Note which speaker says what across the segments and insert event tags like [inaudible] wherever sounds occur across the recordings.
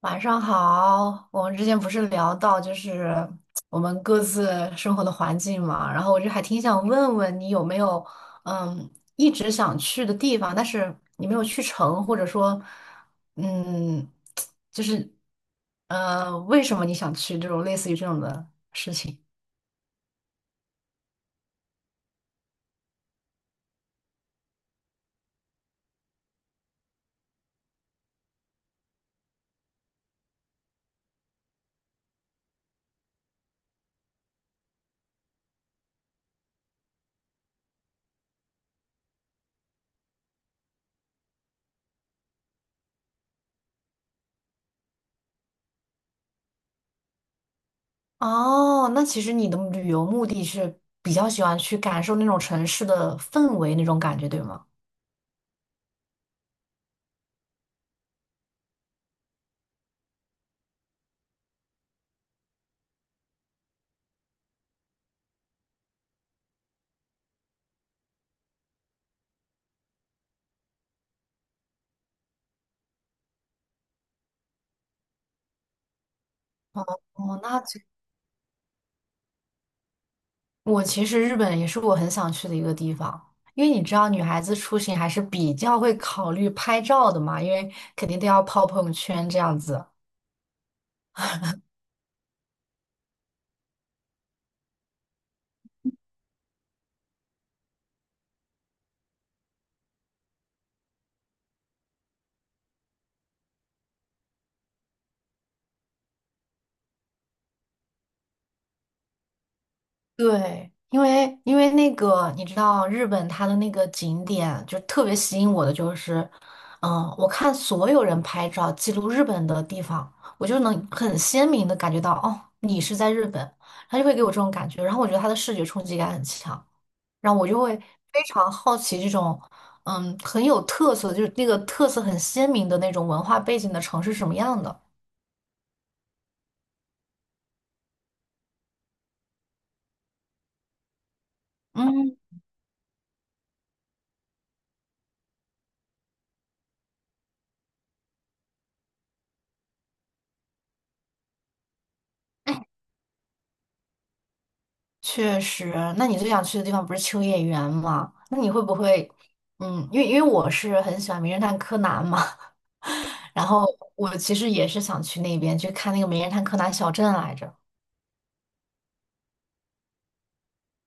Speaker 1: 晚上好，我们之前不是聊到我们各自生活的环境嘛，然后我就还挺想问问你有没有嗯一直想去的地方，但是你没有去成，或者说嗯就是为什么你想去这种类似于这种的事情？哦，那其实你的旅游目的是比较喜欢去感受那种城市的氛围那种感觉，对吗？哦，那其我其实日本也是我很想去的一个地方，因为你知道女孩子出行还是比较会考虑拍照的嘛，因为肯定都要泡朋友圈这样子。对，因为那个你知道日本它的那个景点就特别吸引我的就是，嗯，我看所有人拍照记录日本的地方，我就能很鲜明的感觉到，哦，你是在日本，他就会给我这种感觉，然后我觉得它的视觉冲击感很强，然后我就会非常好奇这种，嗯，很有特色，就是那个特色很鲜明的那种文化背景的城市是什么样的。嗯。确实，那你最想去的地方不是秋叶原吗？那你会不会，嗯，因为我是很喜欢《名侦探柯南》嘛，[laughs] 然后我其实也是想去那边去看那个《名侦探柯南》小镇来着。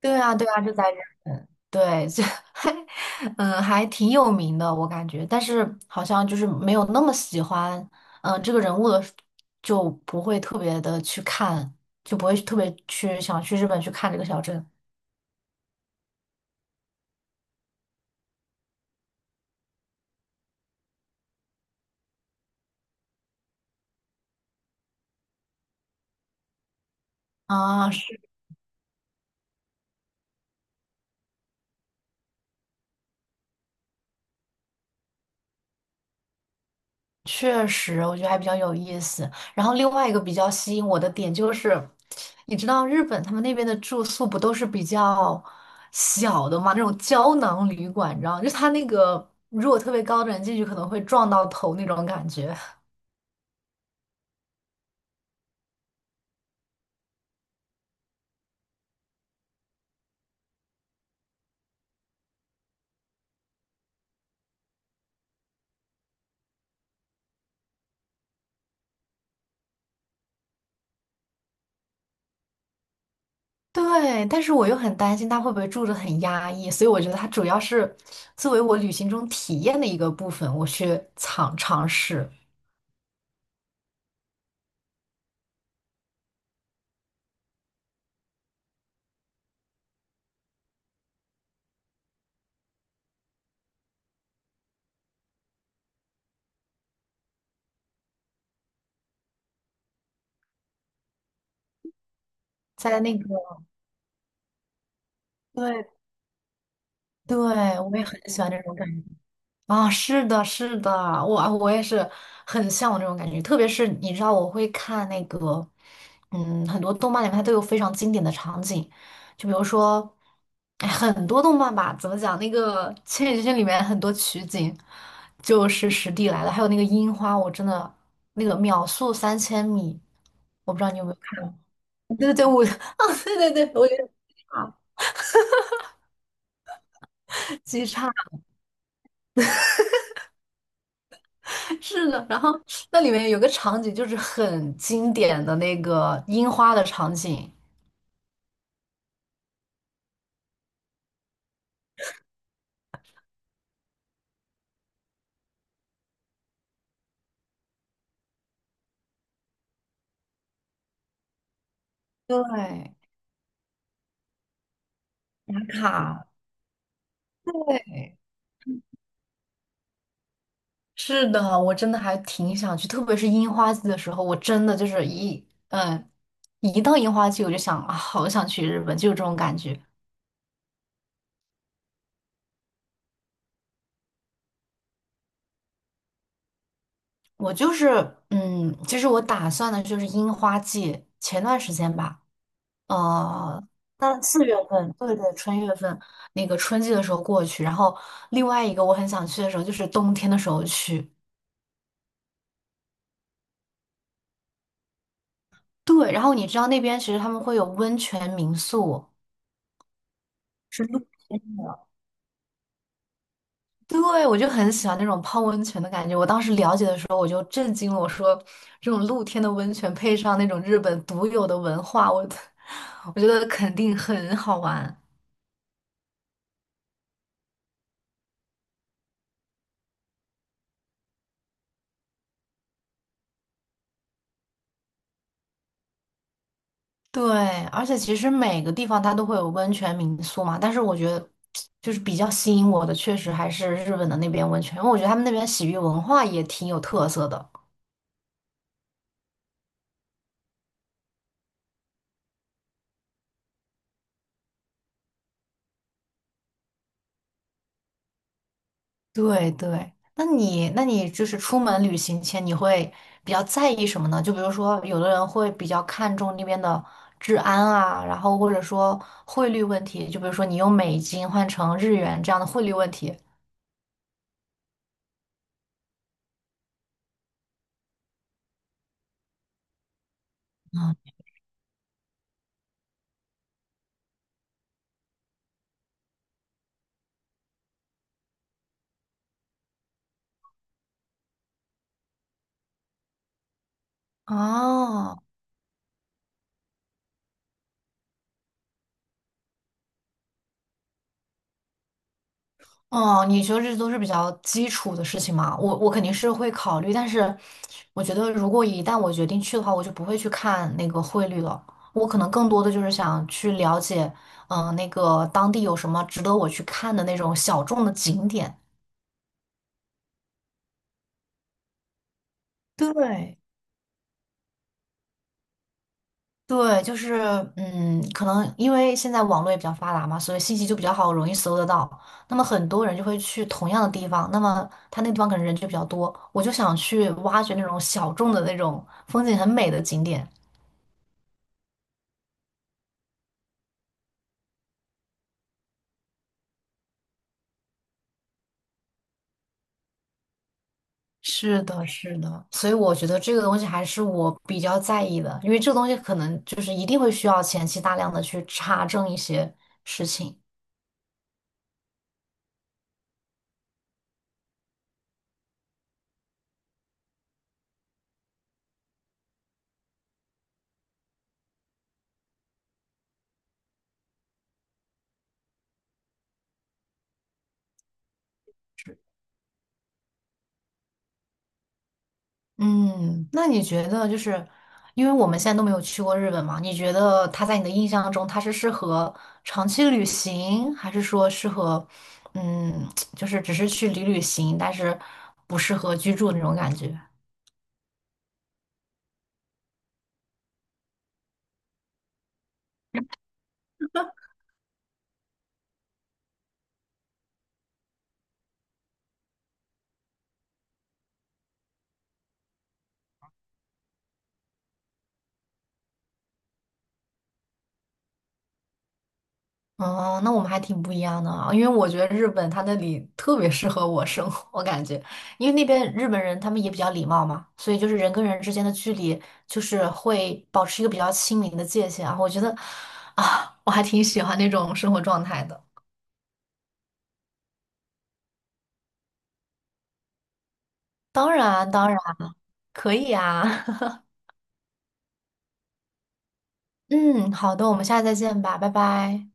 Speaker 1: 对啊，对啊，就在日本。对，就，[laughs] 还，嗯，还挺有名的，我感觉，但是好像就是没有那么喜欢，嗯，这个人物的，就不会特别的去看，就不会特别去想去日本去看这个小镇。啊，确实，我觉得还比较有意思。然后另外一个比较吸引我的点就是，你知道日本他们那边的住宿不都是比较小的嘛，那种胶囊旅馆，你知道吗，就是它那个如果特别高的人进去可能会撞到头那种感觉。[laughs] 对，但是我又很担心他会不会住着很压抑，所以我觉得它主要是作为我旅行中体验的一个部分，我去尝试在那个，对对，我也很喜欢这种感觉。啊，是的，是的，我也是很向往这种感觉，特别是你知道，我会看那个，嗯，很多动漫里面它都有非常经典的场景，就比如说，哎很多动漫吧，怎么讲，那个《千与千寻》里面很多取景就是实地来的，还有那个樱花，我真的那个秒速三千米，我不知道你有没有看过，对对对，我，[laughs] 啊，对对对，我有点。啊极差，是的，然后那里面有个场景就是很经典的那个樱花的场景，对，打卡，对，是的，我真的还挺想去，特别是樱花季的时候，我真的就是一嗯，一到樱花季我就想啊，好想去日本，就有这种感觉。我就是嗯，其实我打算的就是樱花季前段时间吧。呃，但四月份，对对，春月份那个春季的时候过去，然后另外一个我很想去的时候就是冬天的时候去。对，然后你知道那边其实他们会有温泉民宿，是露天的。对，我就很喜欢那种泡温泉的感觉。我当时了解的时候，我就震惊了，我说这种露天的温泉配上那种日本独有的文化，我 [laughs] 我觉得肯定很好玩。对，而且其实每个地方它都会有温泉民宿嘛，但是我觉得就是比较吸引我的，确实还是日本的那边温泉，因为我觉得他们那边洗浴文化也挺有特色的。对对，那你就是出门旅行前你会比较在意什么呢？就比如说有的人会比较看重那边的治安啊，然后或者说汇率问题，就比如说你用美金换成日元这样的汇率问题。哦，哦，你觉得这都是比较基础的事情嘛？我肯定是会考虑，但是我觉得如果一旦我决定去的话，我就不会去看那个汇率了。我可能更多的就是想去了解，嗯、那个当地有什么值得我去看的那种小众的景点。对，对，就是嗯，可能因为现在网络也比较发达嘛，所以信息就比较好，容易搜得到。那么很多人就会去同样的地方，那么他那个地方可能人就比较多，我就想去挖掘那种小众的那种风景很美的景点。是的，是的，所以我觉得这个东西还是我比较在意的，因为这个东西可能就是一定会需要前期大量的去查证一些事情。嗯，那你觉得就是，因为我们现在都没有去过日本嘛，你觉得它在你的印象中，它是适合长期旅行，还是说适合，嗯，[tsk] 就是只是去旅行，但是不适合居住那种感觉？哦，那我们还挺不一样的啊，因为我觉得日本它那里特别适合我生活，我感觉，因为那边日本人他们也比较礼貌嘛，所以就是人跟人之间的距离就是会保持一个比较亲民的界限啊，我觉得啊，我还挺喜欢那种生活状态的。当然，当然可以啊，[laughs] 嗯，好的，我们下次再见吧，拜拜。